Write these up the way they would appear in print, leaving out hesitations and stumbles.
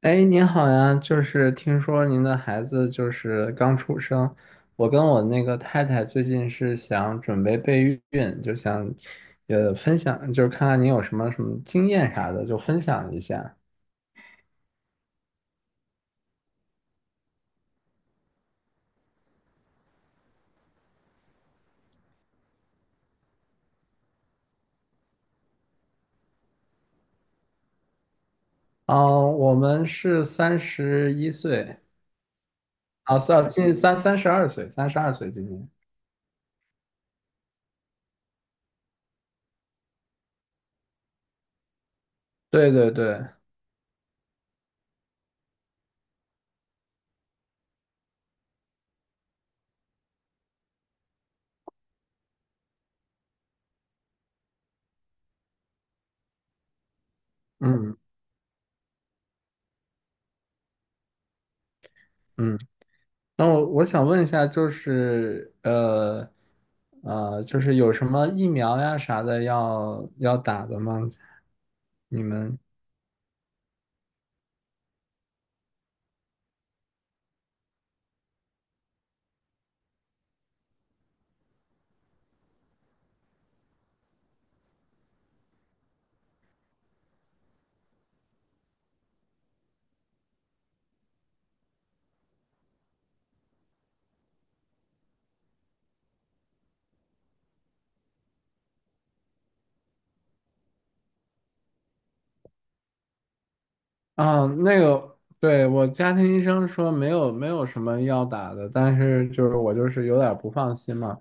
哎，您好呀，就是听说您的孩子就是刚出生，我跟我那个太太最近是想准备备孕，就想分享，就是看看您有什么经验啥的，就分享一下。哦，我们是三十一岁，三十二岁，三十二岁今年。对对对，嗯嗯。那我想问一下，就是有什么疫苗呀啥的要打的吗？你们啊，那个，对，我家庭医生说没有什么要打的，但是就是我就是有点不放心嘛。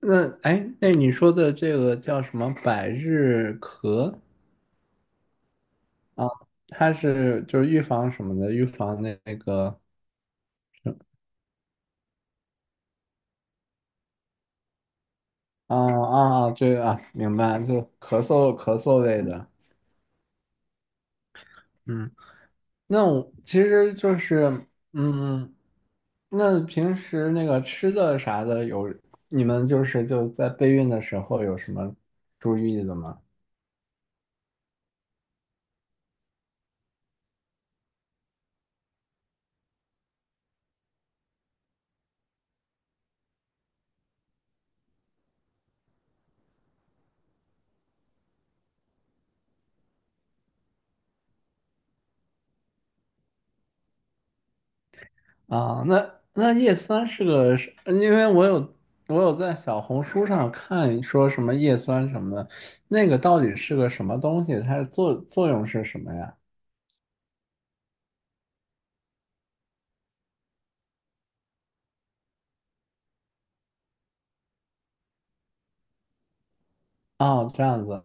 那哎，那你说的这个叫什么百日咳啊？它是就是预防什么的？预防那个啊啊啊，这个啊，明白，就咳嗽类的。嗯。那我其实就是，嗯，那平时那个吃的啥的有，你们就是就在备孕的时候有什么注意的吗？啊，那那叶酸是个是因为我有我有在小红书上看说什么叶酸什么的，那个到底是个什么东西？它的作用是什么呀？哦，这样子，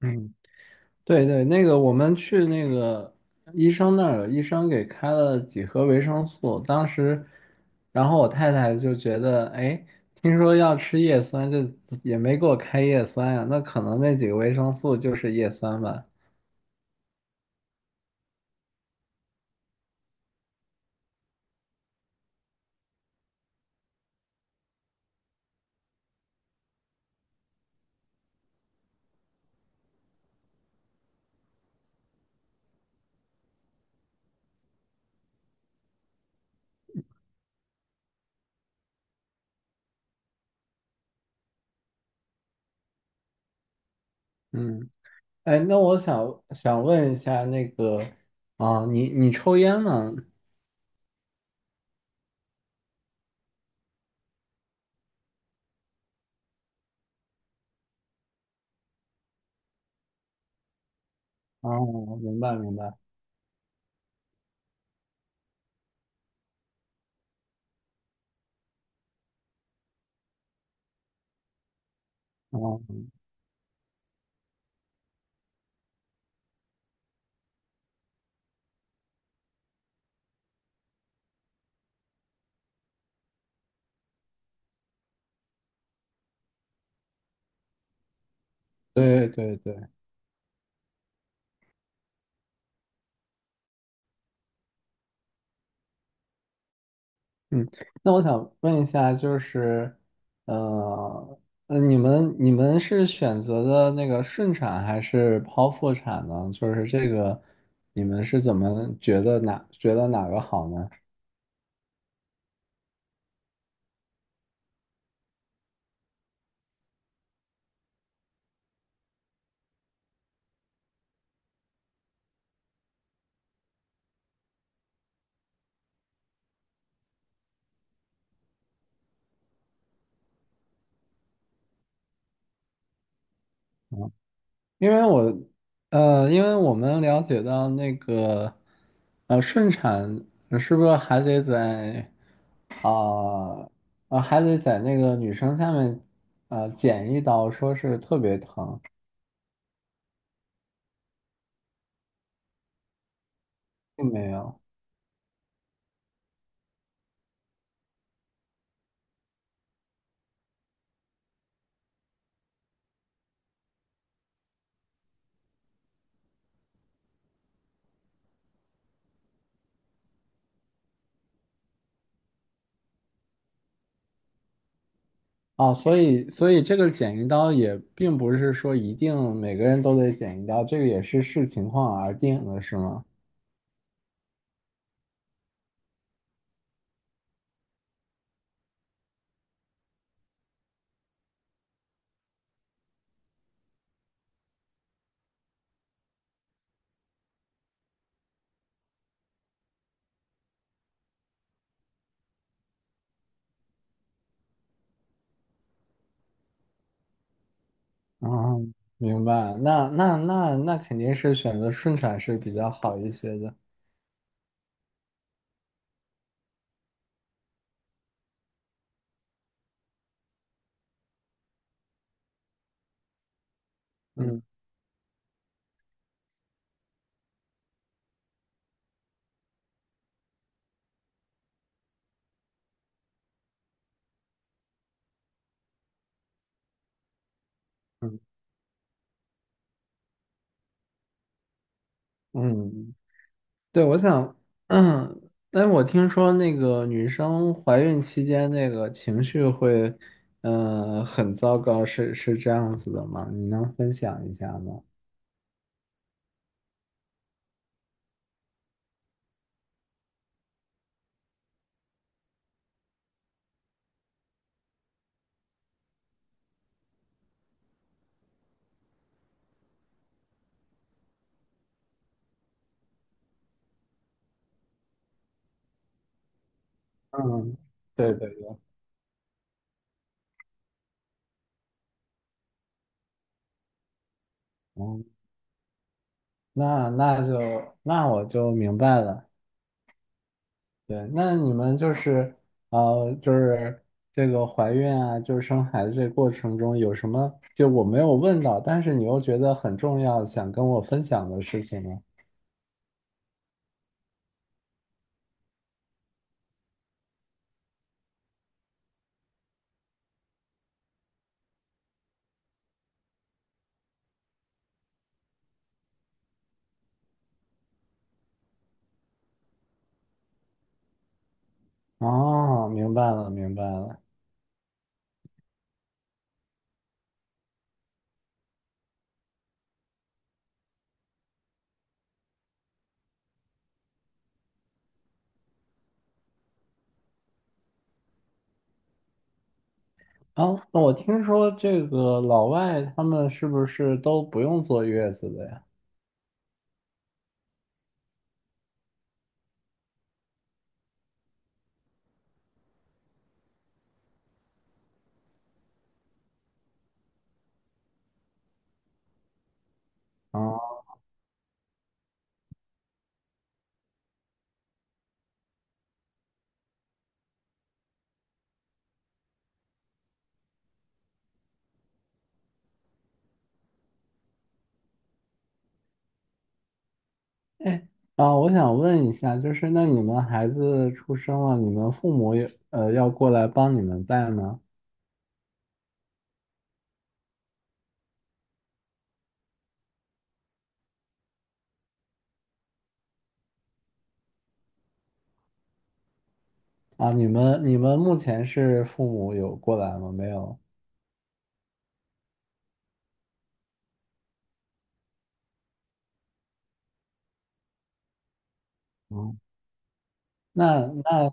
嗯。对对，那个我们去那个医生那儿，医生给开了几盒维生素。当时，然后我太太就觉得，哎，听说要吃叶酸，这也没给我开叶酸呀，那可能那几个维生素就是叶酸吧。嗯，哎，那我想问一下，那个啊，你你抽烟吗？哦，明白明白。哦，对对对。嗯，那我想问一下，就是，呃，你们你们是选择的那个顺产还是剖腹产呢？就是这个，你们是怎么觉得哪个好呢？因为我，因为我们了解到那个，顺产是不是还得在，啊、还得在那个女生下面，剪一刀，说是特别疼，并没有。哦，所以这个剪一刀也并不是说一定每个人都得剪一刀，这个也是视情况而定的，是吗？啊，明白。那肯定是选择顺产是比较好一些的。嗯嗯嗯，对，我想，嗯，但我听说那个女生怀孕期间那个情绪会，很糟糕，是这样子的吗？你能分享一下吗？嗯，对对对，嗯。那我就明白了。对，那你们就是就是这个怀孕啊，就是生孩子这过程中有什么就我没有问到，但是你又觉得很重要，想跟我分享的事情呢？哦，明白了，明白了。哦，那我听说这个老外他们是不是都不用坐月子的呀？哦，哎，啊，我想问一下，就是那你们孩子出生了，你们父母也要过来帮你们带吗？啊，你们目前是父母有过来吗？没有。嗯，那那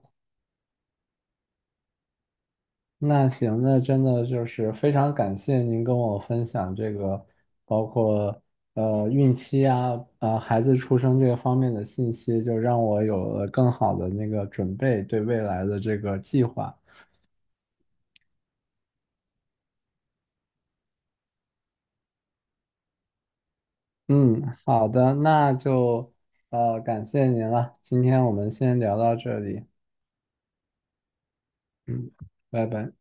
那行，那真的就是非常感谢您跟我分享这个，包括孕期啊，孩子出生这个方面的信息，就让我有了更好的那个准备，对未来的这个计划。嗯，好的，那就感谢您了，今天我们先聊到这里，嗯，拜拜。